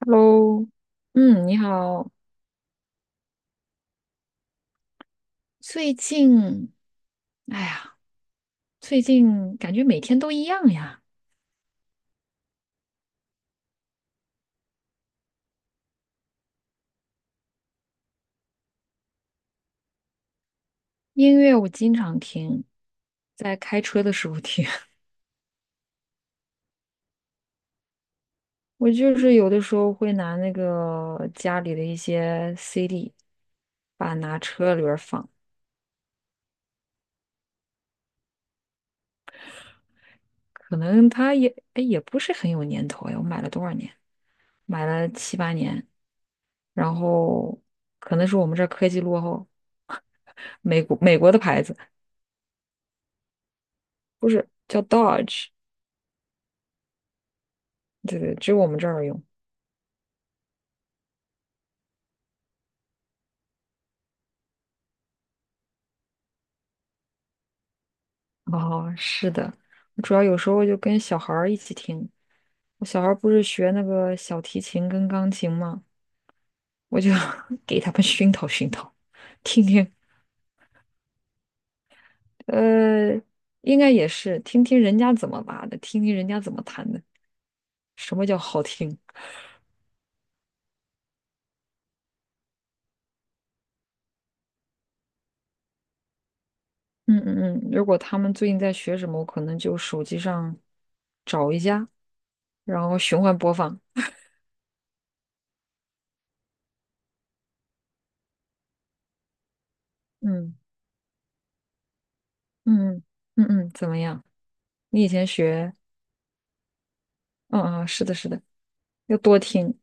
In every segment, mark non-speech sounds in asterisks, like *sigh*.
Hello，嗯，你好。最近，哎呀，最近感觉每天都一样呀。音乐我经常听，在开车的时候听。*laughs* 我就是有的时候会拿那个家里的一些 CD，把拿车里边儿放。可能它也，哎，也不是很有年头呀。我买了多少年？买了七八年。然后可能是我们这儿科技落后，*laughs* 美国的牌子。不是叫 Dodge，对对，只有我们这儿用。哦，是的，我主要有时候就跟小孩儿一起听。我小孩儿不是学那个小提琴跟钢琴吗？我就 *laughs* 给他们熏陶熏陶，听听。呃，应该也是听听人家怎么拉的，听听人家怎么弹的，什么叫好听？嗯嗯嗯。如果他们最近在学什么，我可能就手机上找一下，然后循环播放。嗯嗯嗯嗯，怎么样？你以前学，嗯嗯，是的，是的，要多听，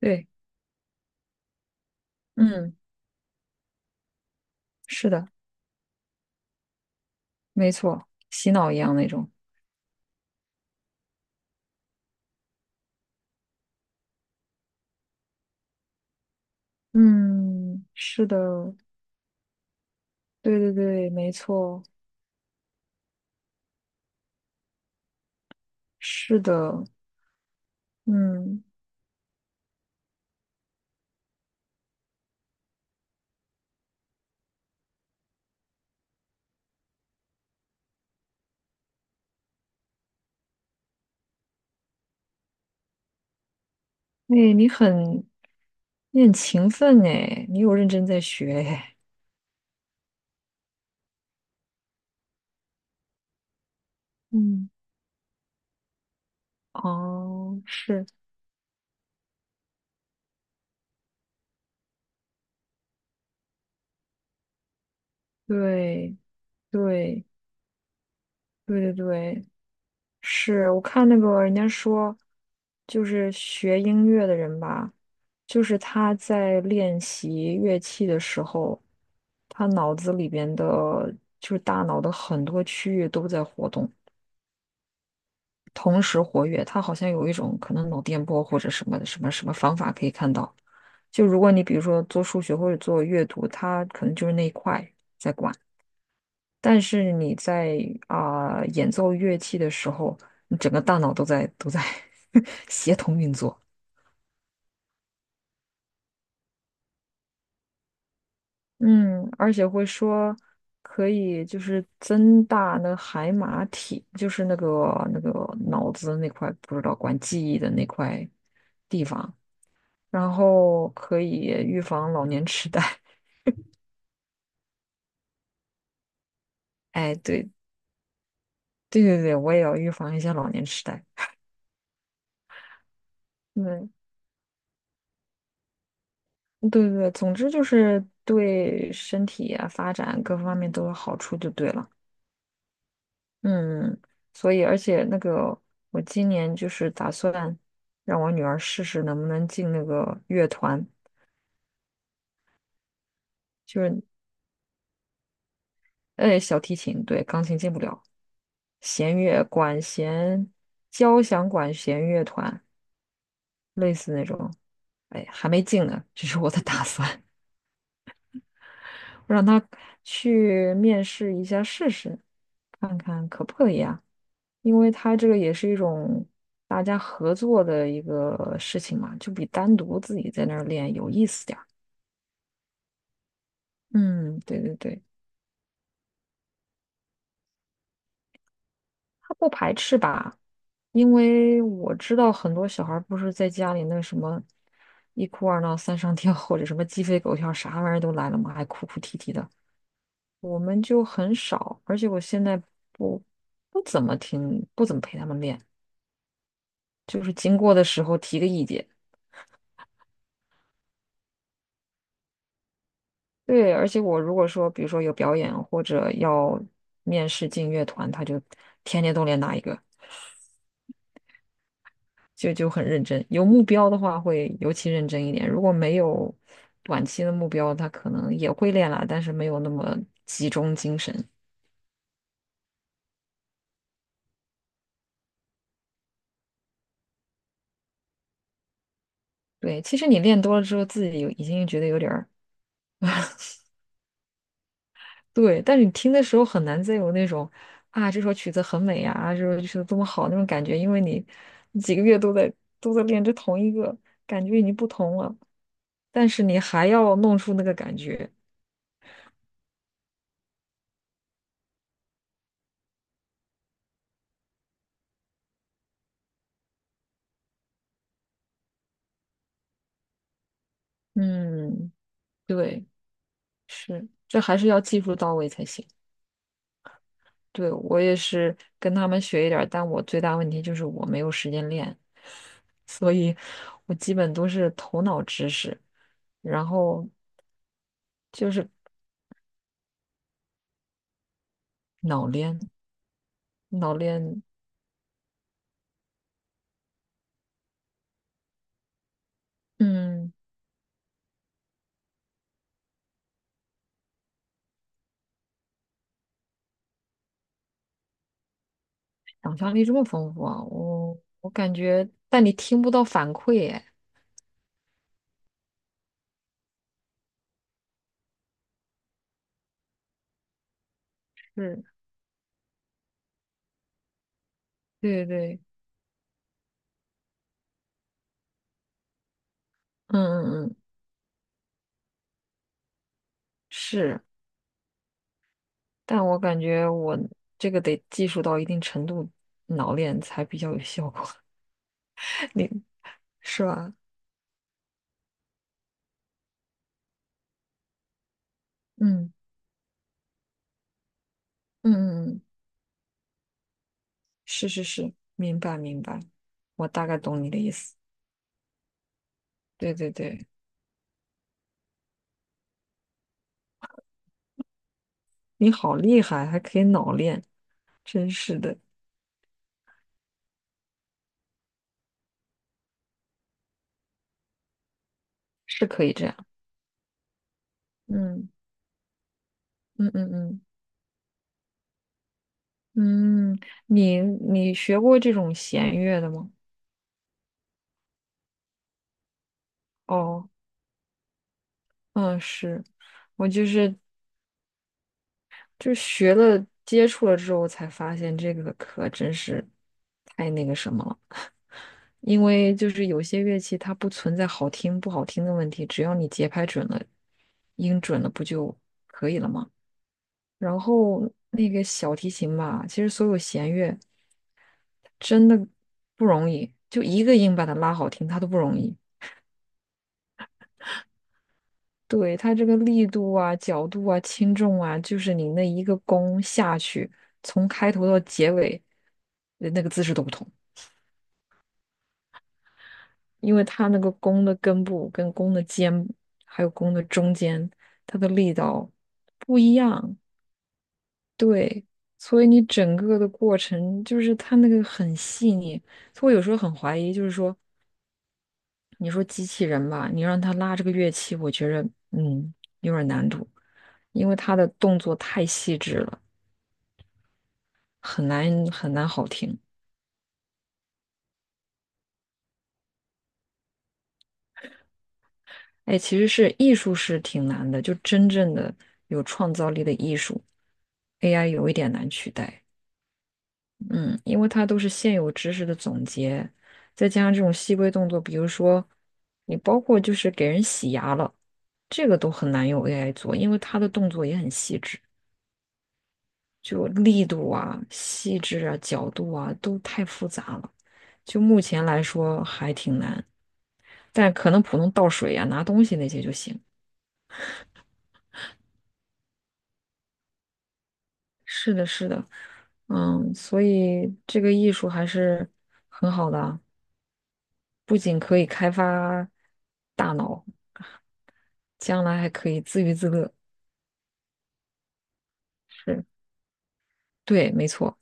对，嗯，是的，没错，洗脑一样那种，嗯，是的，对对对，没错，是的，嗯，哎，你很勤奋哎，你有认真在学哎，嗯，哦，是，对对对对对，是我看那个人家说，就是学音乐的人吧，就是他在练习乐器的时候，他脑子里边的，就是大脑的很多区域都在活动，同时活跃。他好像有一种可能脑电波或者什么什么什么方法可以看到。就如果你比如说做数学或者做阅读，他可能就是那一块在管。但是你在啊、演奏乐器的时候，你整个大脑都在 *laughs* 协同运作。嗯，而且会说可以就是增大那个海马体，就是那个那个脑子那块不知道管记忆的那块地方，然后可以预防老年痴呆。*laughs* 哎，对对对对，我也要预防一下老年痴呆。嗯。对对对，总之就是对身体啊、发展各方面都有好处就对了。嗯，所以而且那个我今年就是打算让我女儿试试能不能进那个乐团，就是小提琴，对，钢琴进不了，弦乐管弦交响管弦乐团类似那种。哎，还没进呢，这是我的 *laughs* 打算，*laughs* 我让她去面试一下试试。因为它这个也是一种大家合作的一个事情嘛，就比单独自己在那儿练有意思点儿。嗯，对对对，他不排斥吧？因为我知道很多小孩儿不是在家里那个什么一哭二闹三上吊，或者什么鸡飞狗跳，啥玩意儿都来了嘛，还哭哭啼啼的。我们就很少，而且我现在不不怎么听，不怎么陪他们练，就是经过的时候提个意见。对，而且我如果说，比如说有表演或者要面试进乐团，他就天天都练哪一个，就很认真。有目标的话会尤其认真一点，如果没有短期的目标，他可能也会练啦，但是没有那么集中精神。对，其实你练多了之后，自己有已经觉得有点儿对，但是你听的时候很难再有那种啊，这首曲子很美呀，啊这首曲子多么好那种感觉，因为你几个月都在练这同一个，感觉已经不同了，但是你还要弄出那个感觉，嗯，对，是，这还是要技术到位才行。对，我也是跟他们学一点儿，但我最大问题就是我没有时间练，所以我基本都是头脑知识，然后就是脑练，脑练。嗯，想象力这么丰富啊，我感觉，但你听不到反馈，哎，是，对对，嗯嗯嗯，是，但我感觉我这个得技术到一定程度，脑练才比较有效果，*laughs* 你是吧？嗯嗯嗯，嗯是是是，明白明白，我大概懂你的意思。对对对，你好厉害，还可以脑练，真是的，是可以这样。嗯嗯嗯嗯。嗯，你学过这种弦乐的吗？哦，嗯，是我就是就学了接触了之后才发现这个可真是太那个什么了，因为就是有些乐器它不存在好听不好听的问题，只要你节拍准了，音准了不就可以了吗？然后那个小提琴吧，其实所有弦乐真的不容易，就一个音把它拉好听，它都不容易。对，它这个力度啊、角度啊、轻重啊，就是你那一个弓下去，从开头到结尾，那个姿势都不同，因为它那个弓的根部、跟弓的尖，还有弓的中间，它的力道不一样。对，所以你整个的过程就是它那个很细腻，所以我有时候很怀疑，就是说，你说机器人吧，你让它拉这个乐器，我觉得嗯有点难度，因为它的动作太细致了。很难很难好听。哎，其实是艺术是挺难的，就真正的有创造力的艺术，AI 有一点难取代。嗯，因为它都是现有知识的总结，再加上这种细微动作，比如说你包括就是给人洗牙了，这个都很难用 AI 做，因为它的动作也很细致。就力度啊、细致啊、角度啊都太复杂了，就目前来说还挺难。但可能普通倒水啊、拿东西那些就行。是的，是的，嗯，所以这个艺术还是很好的啊，不仅可以开发大脑，将来还可以自娱自乐。是，对，没错，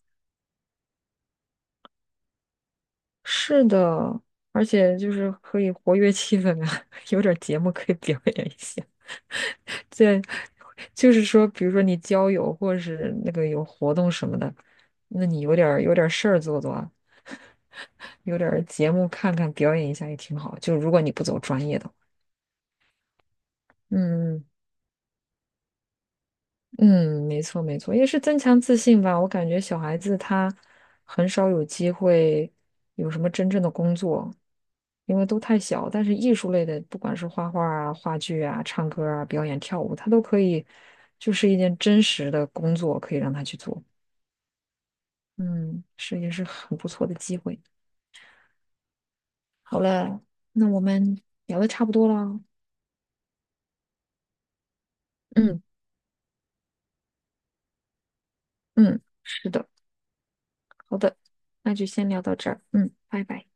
是的，而且就是可以活跃气氛啊，*laughs* 有点节目可以表演一下。在 *laughs* 就是说，比如说你交友或者是那个有活动什么的，那你有点儿事儿做做啊，有点儿节目看看，表演一下也挺好。就如果你不走专业的嗯嗯，没错没错，也是增强自信吧。我感觉小孩子他很少有机会有什么真正的工作，因为都太小。但是艺术类的，不管是画画啊、话剧啊、唱歌啊、表演、跳舞，他都可以，就是一件真实的工作，可以让他去做。嗯，是也是很不错的机会。嗯，那我们聊的差不多了哦。嗯嗯，是的，好的，那就先聊到这儿。嗯，拜拜。